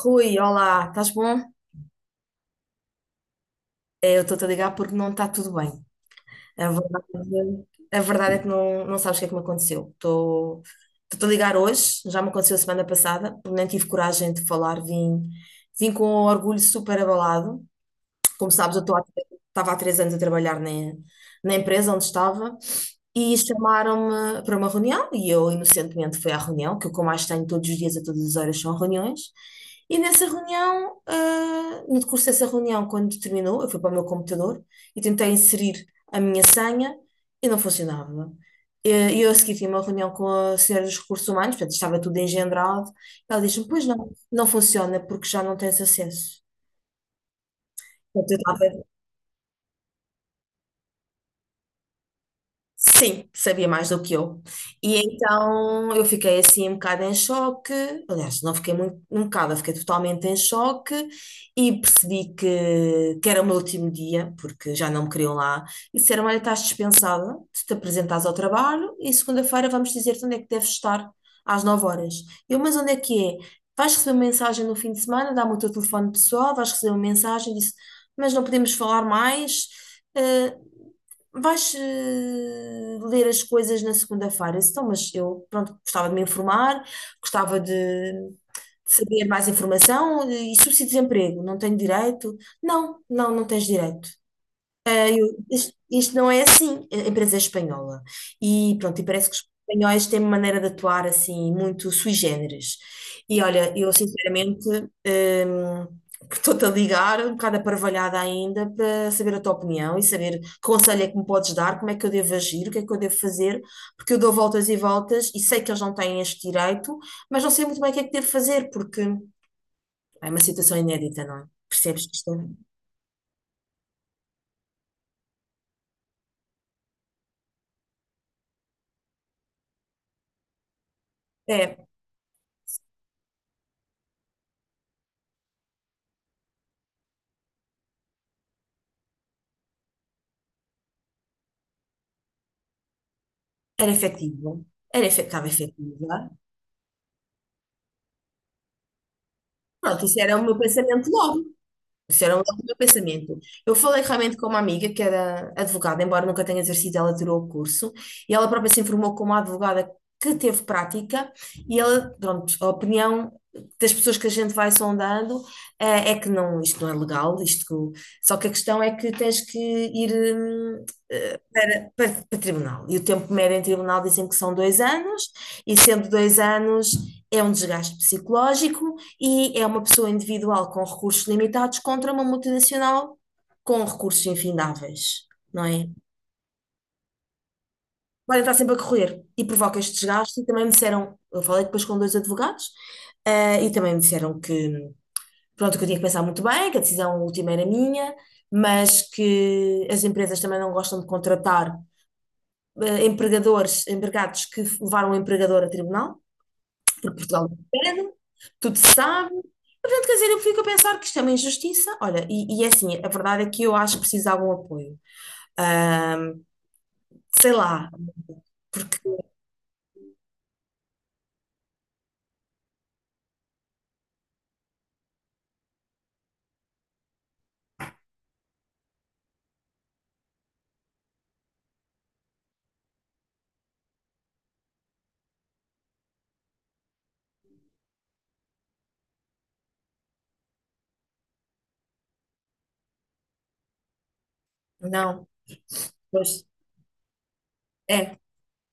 Rui, olá, estás bom? É, eu estou-te a ligar porque não está tudo bem. A verdade, a verdade é que não, não sabes o que é que me aconteceu. Estou- Estou-te a ligar hoje, já me aconteceu a semana passada, porque nem tive coragem de falar, vim, vim com o orgulho super abalado. Como sabes, eu estou há- estava há 3 anos a trabalhar na, na empresa onde estava, e chamaram-me para uma reunião e eu inocentemente fui à reunião, que o que eu mais tenho todos os dias, a todas as horas, são reuniões. E nessa reunião, no decurso dessa reunião, quando terminou, eu fui para o meu computador e tentei inserir a minha senha e não funcionava. E eu a seguir tive uma reunião com a senhora dos recursos humanos, portanto estava tudo engendrado. Ela disse-me, pois não, não funciona porque já não tens acesso. Portanto, eu estava. Sim, sabia mais do que eu. E então eu fiquei assim um bocado em choque. Aliás, não fiquei muito, um bocado, eu fiquei totalmente em choque e percebi que era o meu último dia, porque já não me queriam lá. E disseram: Olha, estás dispensada, tu te apresentares ao trabalho e segunda-feira vamos dizer-te onde é que deves estar às 9 horas. Eu, mas onde é que é? Vais receber uma mensagem no fim de semana, dá-me o teu telefone pessoal, vais receber uma mensagem, disse, mas não podemos falar mais. eh, Vais ler as coisas na segunda-feira. Eu disse, Então, mas eu, pronto, gostava de me informar, gostava de saber mais informação, e subsídio de desemprego, não tenho direito? Não, não, não tens direito. Isto não é assim, a empresa é espanhola. E pronto, e parece que os espanhóis têm uma maneira de atuar assim, muito sui generis. E olha, eu sinceramente que estou-te a ligar, um bocado aparvalhada ainda, para saber a tua opinião e saber que conselho é que me podes dar, como é que eu devo agir, o que é que eu devo fazer, porque eu dou voltas e voltas e sei que eles não têm este direito, mas não sei muito bem o que é que devo fazer, porque é uma situação inédita, não é? Percebes que isto é? É, era efetivo, era efe- estava efetiva. Pronto, isso era o meu pensamento logo. Isso era logo o meu pensamento. Eu falei realmente com uma amiga que era advogada, embora nunca tenha exercido, ela tirou o curso e ela própria se informou como advogada, que teve prática, e ela, pronto, a opinião das pessoas que a gente vai sondando, é que não, isto não é legal, isto que- só que a questão é que tens que ir eh, para, para tribunal. E o tempo médio em tribunal dizem que são 2 anos, e sendo 2 anos é um desgaste psicológico e é uma pessoa individual com recursos limitados contra uma multinacional com recursos infindáveis, não é? Podem estar sempre a correr e provoca este desgaste. E também me disseram, eu falei depois com 2 advogados, e também me disseram que, pronto, que eu tinha que pensar muito bem, que a decisão última era minha, mas que as empresas também não gostam de contratar empregadores, empregados que levaram o empregador a tribunal, porque Portugal não pede, tudo se sabe. Portanto, quer dizer, eu fico a pensar que isto é uma injustiça. Olha, e é assim, a verdade é que eu acho que precisa de algum apoio. Ahm, sei lá, porque não, pois é,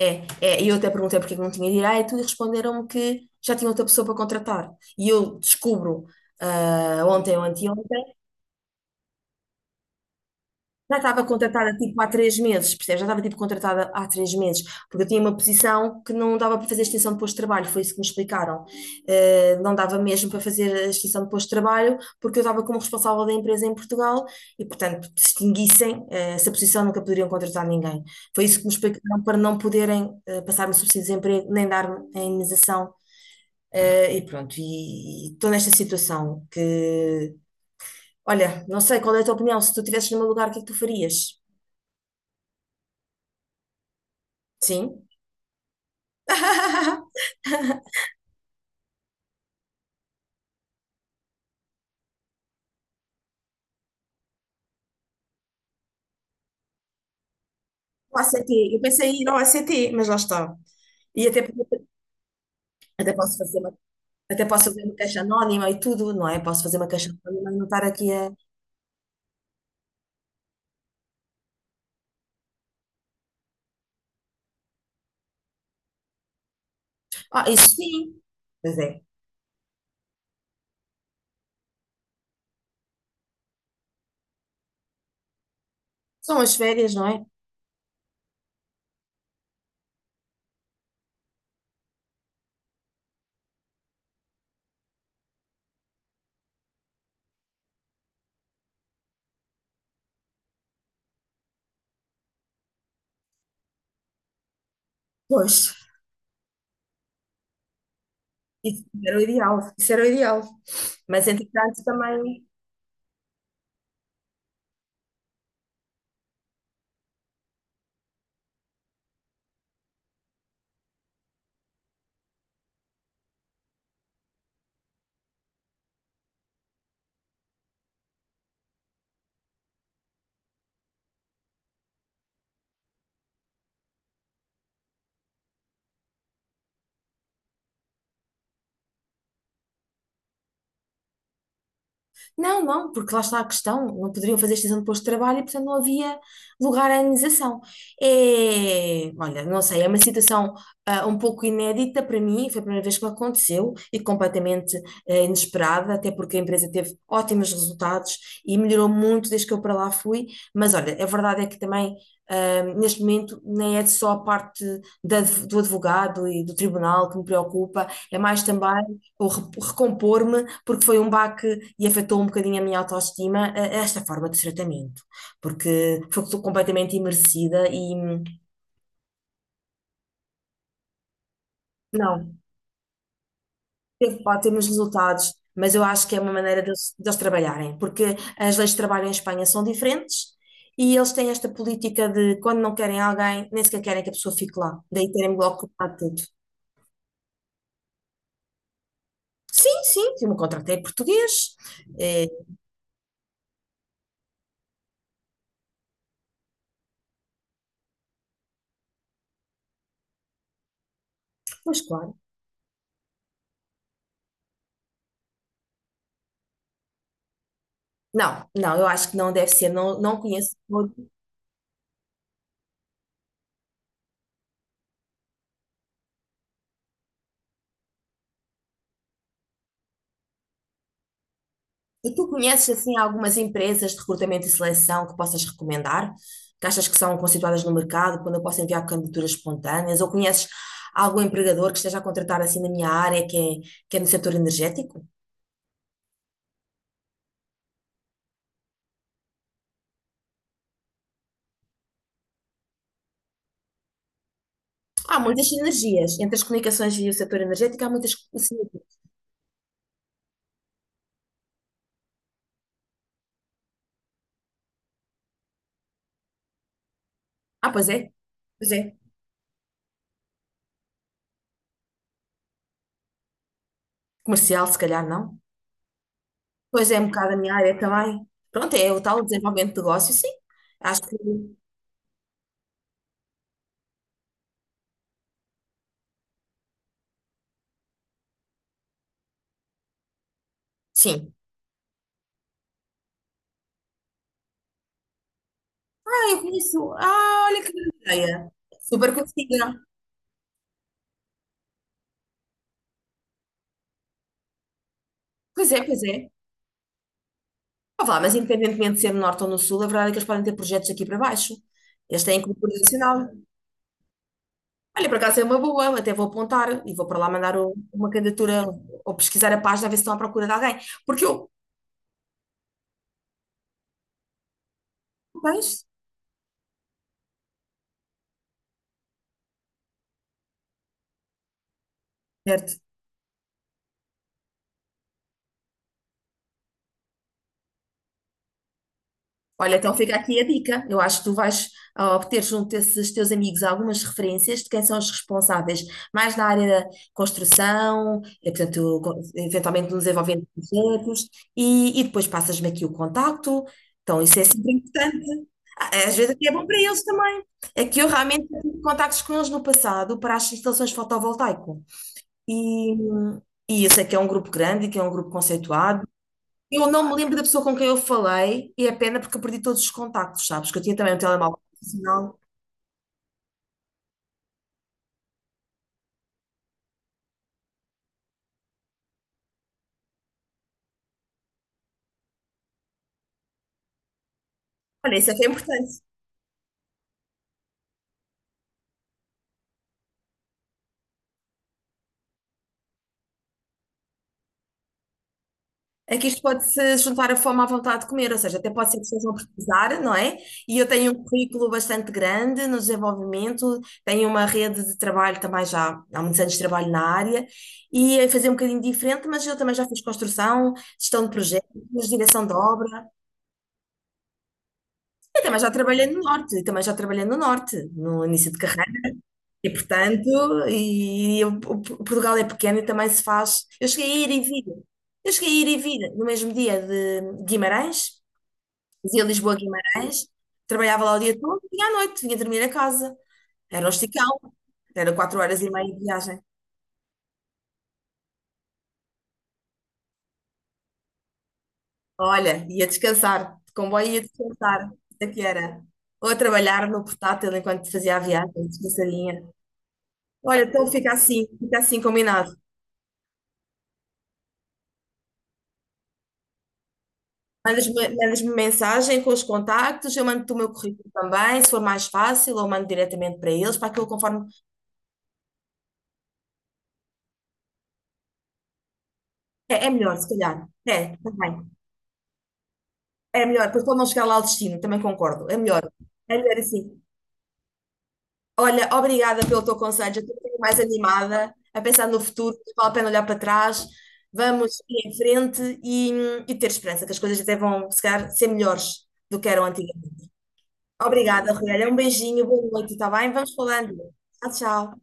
é, é. E eu até perguntei porque é que não tinha direito e responderam-me que já tinha outra pessoa para contratar. E eu descubro ontem ou anteontem. Já estava contratada tipo há 3 meses, percebes? Já estava tipo contratada há 3 meses, porque eu tinha uma posição que não dava para fazer extensão de posto de trabalho, foi isso que me explicaram. Não dava mesmo para fazer a extensão de posto de trabalho, porque eu estava como responsável da empresa em Portugal e, portanto, se extinguissem, essa posição nunca poderiam contratar ninguém. Foi isso que me explicaram, para não poderem passar-me subsídio de desemprego, nem dar-me a indenização. E pronto, e estou nesta situação que, olha, não sei qual é a tua opinião, se tu estivesses no meu lugar, o que é que tu farias? Sim. O ACT, eu pensei em ir ao ACT, mas lá está. E até, até posso fazer uma, até posso fazer uma caixa anónima e tudo, não é? Posso fazer uma caixa anónima e não estar aqui a. Ah, isso sim. Pois é. São as férias, não é? Pois. Isso era o ideal. Isso era o ideal. Mas entretanto também. Não, não, porque lá está a questão, não poderiam fazer extensão de posto de trabalho e, portanto, não havia lugar à indenização. É, olha, não sei, é uma situação um pouco inédita para mim, foi a primeira vez que me aconteceu e completamente inesperada, até porque a empresa teve ótimos resultados e melhorou muito desde que eu para lá fui, mas olha, a verdade é que também. Neste momento, nem é só a parte da- do advogado e do tribunal que me preocupa, é mais também ou re- recompor-me, porque foi um baque e afetou um bocadinho a minha autoestima, esta forma de tratamento, porque foi que completamente imersida e não, teve, pode ter uns resultados, mas eu acho que é uma maneira deles, deles trabalharem, porque as leis de trabalho em Espanha são diferentes e eles têm esta política de quando não querem alguém, nem sequer querem que a pessoa fique lá, daí terem-me logo cortado tudo. Sim, sim, eu me contratei português, eh, pois claro. Não, não, eu acho que não deve ser, não, não conheço. E tu conheces assim algumas empresas de recrutamento e seleção que possas recomendar? Que achas que são constituídas no mercado, quando eu posso enviar candidaturas espontâneas? Ou conheces algum empregador que esteja a contratar assim na minha área, que é no setor energético? Há muitas sinergias entre as comunicações e o setor energético, há muitas sinergias. Ah, pois é, pois é. Comercial, se calhar não. Pois é, um bocado a minha área também. Pronto, é o tal desenvolvimento de negócio, sim. Acho que sim. Ah, eu conheço. Ah, olha que grande ideia. Super conhecida. Pois é, pois é. Ah, vá, mas independentemente de ser no norte ou no sul, a verdade é que eles podem ter projetos aqui para baixo. Eles têm cobertura nacional. Olha, por acaso é uma boa, até vou apontar e vou para lá mandar o- uma candidatura ou pesquisar a página a ver se estão à procura de alguém. Porque eu. Pois, certo. Olha, então fica aqui a dica. Eu acho que tu vais obter junto desses teus amigos algumas referências de quem são os responsáveis mais na área da construção, portanto, co- eventualmente no desenvolvimento de projetos, e depois passas-me aqui o contacto. Então, isso é sempre importante. Ah, às vezes aqui é bom para eles também. É que eu realmente tive contactos com eles no passado para as instalações fotovoltaico. E, e eu sei que é um grupo grande, que é um grupo conceituado, eu não me lembro da pessoa com quem eu falei e é pena porque eu perdi todos os contactos, sabes? Que eu tinha também um telemóvel profissional. Olha, isso é que é importante. É que isto pode-se juntar a fome à vontade de comer, ou seja, até pode ser que estejam a precisar, não é? E eu tenho um currículo bastante grande no desenvolvimento, tenho uma rede de trabalho também já há muitos anos de trabalho na área, e é fazer um bocadinho diferente, mas eu também já fiz construção, gestão de projetos, direção de obra, e também já trabalhei no norte, e também já trabalhei no norte, no início de carreira. E portanto, eu- o P- Portugal é pequeno e também se faz. Eu cheguei a ir e vir. Eu cheguei a ir e vir no mesmo dia de Guimarães, fazia Lisboa a Guimarães, trabalhava lá o dia todo e à noite vinha dormir a casa. Era um esticão, era 4 horas e meia de viagem. Olha, ia descansar, de comboio ia descansar. Isso é que era. Ou a trabalhar no portátil enquanto fazia a viagem, descansadinha. Olha, então fica assim combinado. Mandas-me mensagem com os contactos, eu mando-te o meu currículo também, se for mais fácil, ou mando diretamente para eles, para aquilo conforme. É, é melhor, se calhar. É, também. É melhor, depois pode não chegar lá ao destino, também concordo. É melhor. É melhor assim. Olha, obrigada pelo teu conselho, eu estou um bocadinho mais animada, a pensar no futuro, vale a pena olhar para trás, vamos ir em frente e ter esperança, que as coisas até vão, se calhar, ser melhores do que eram antigamente. Obrigada, Ruel. Um beijinho, boa noite, está bem? Vamos falando. Tchau, tchau.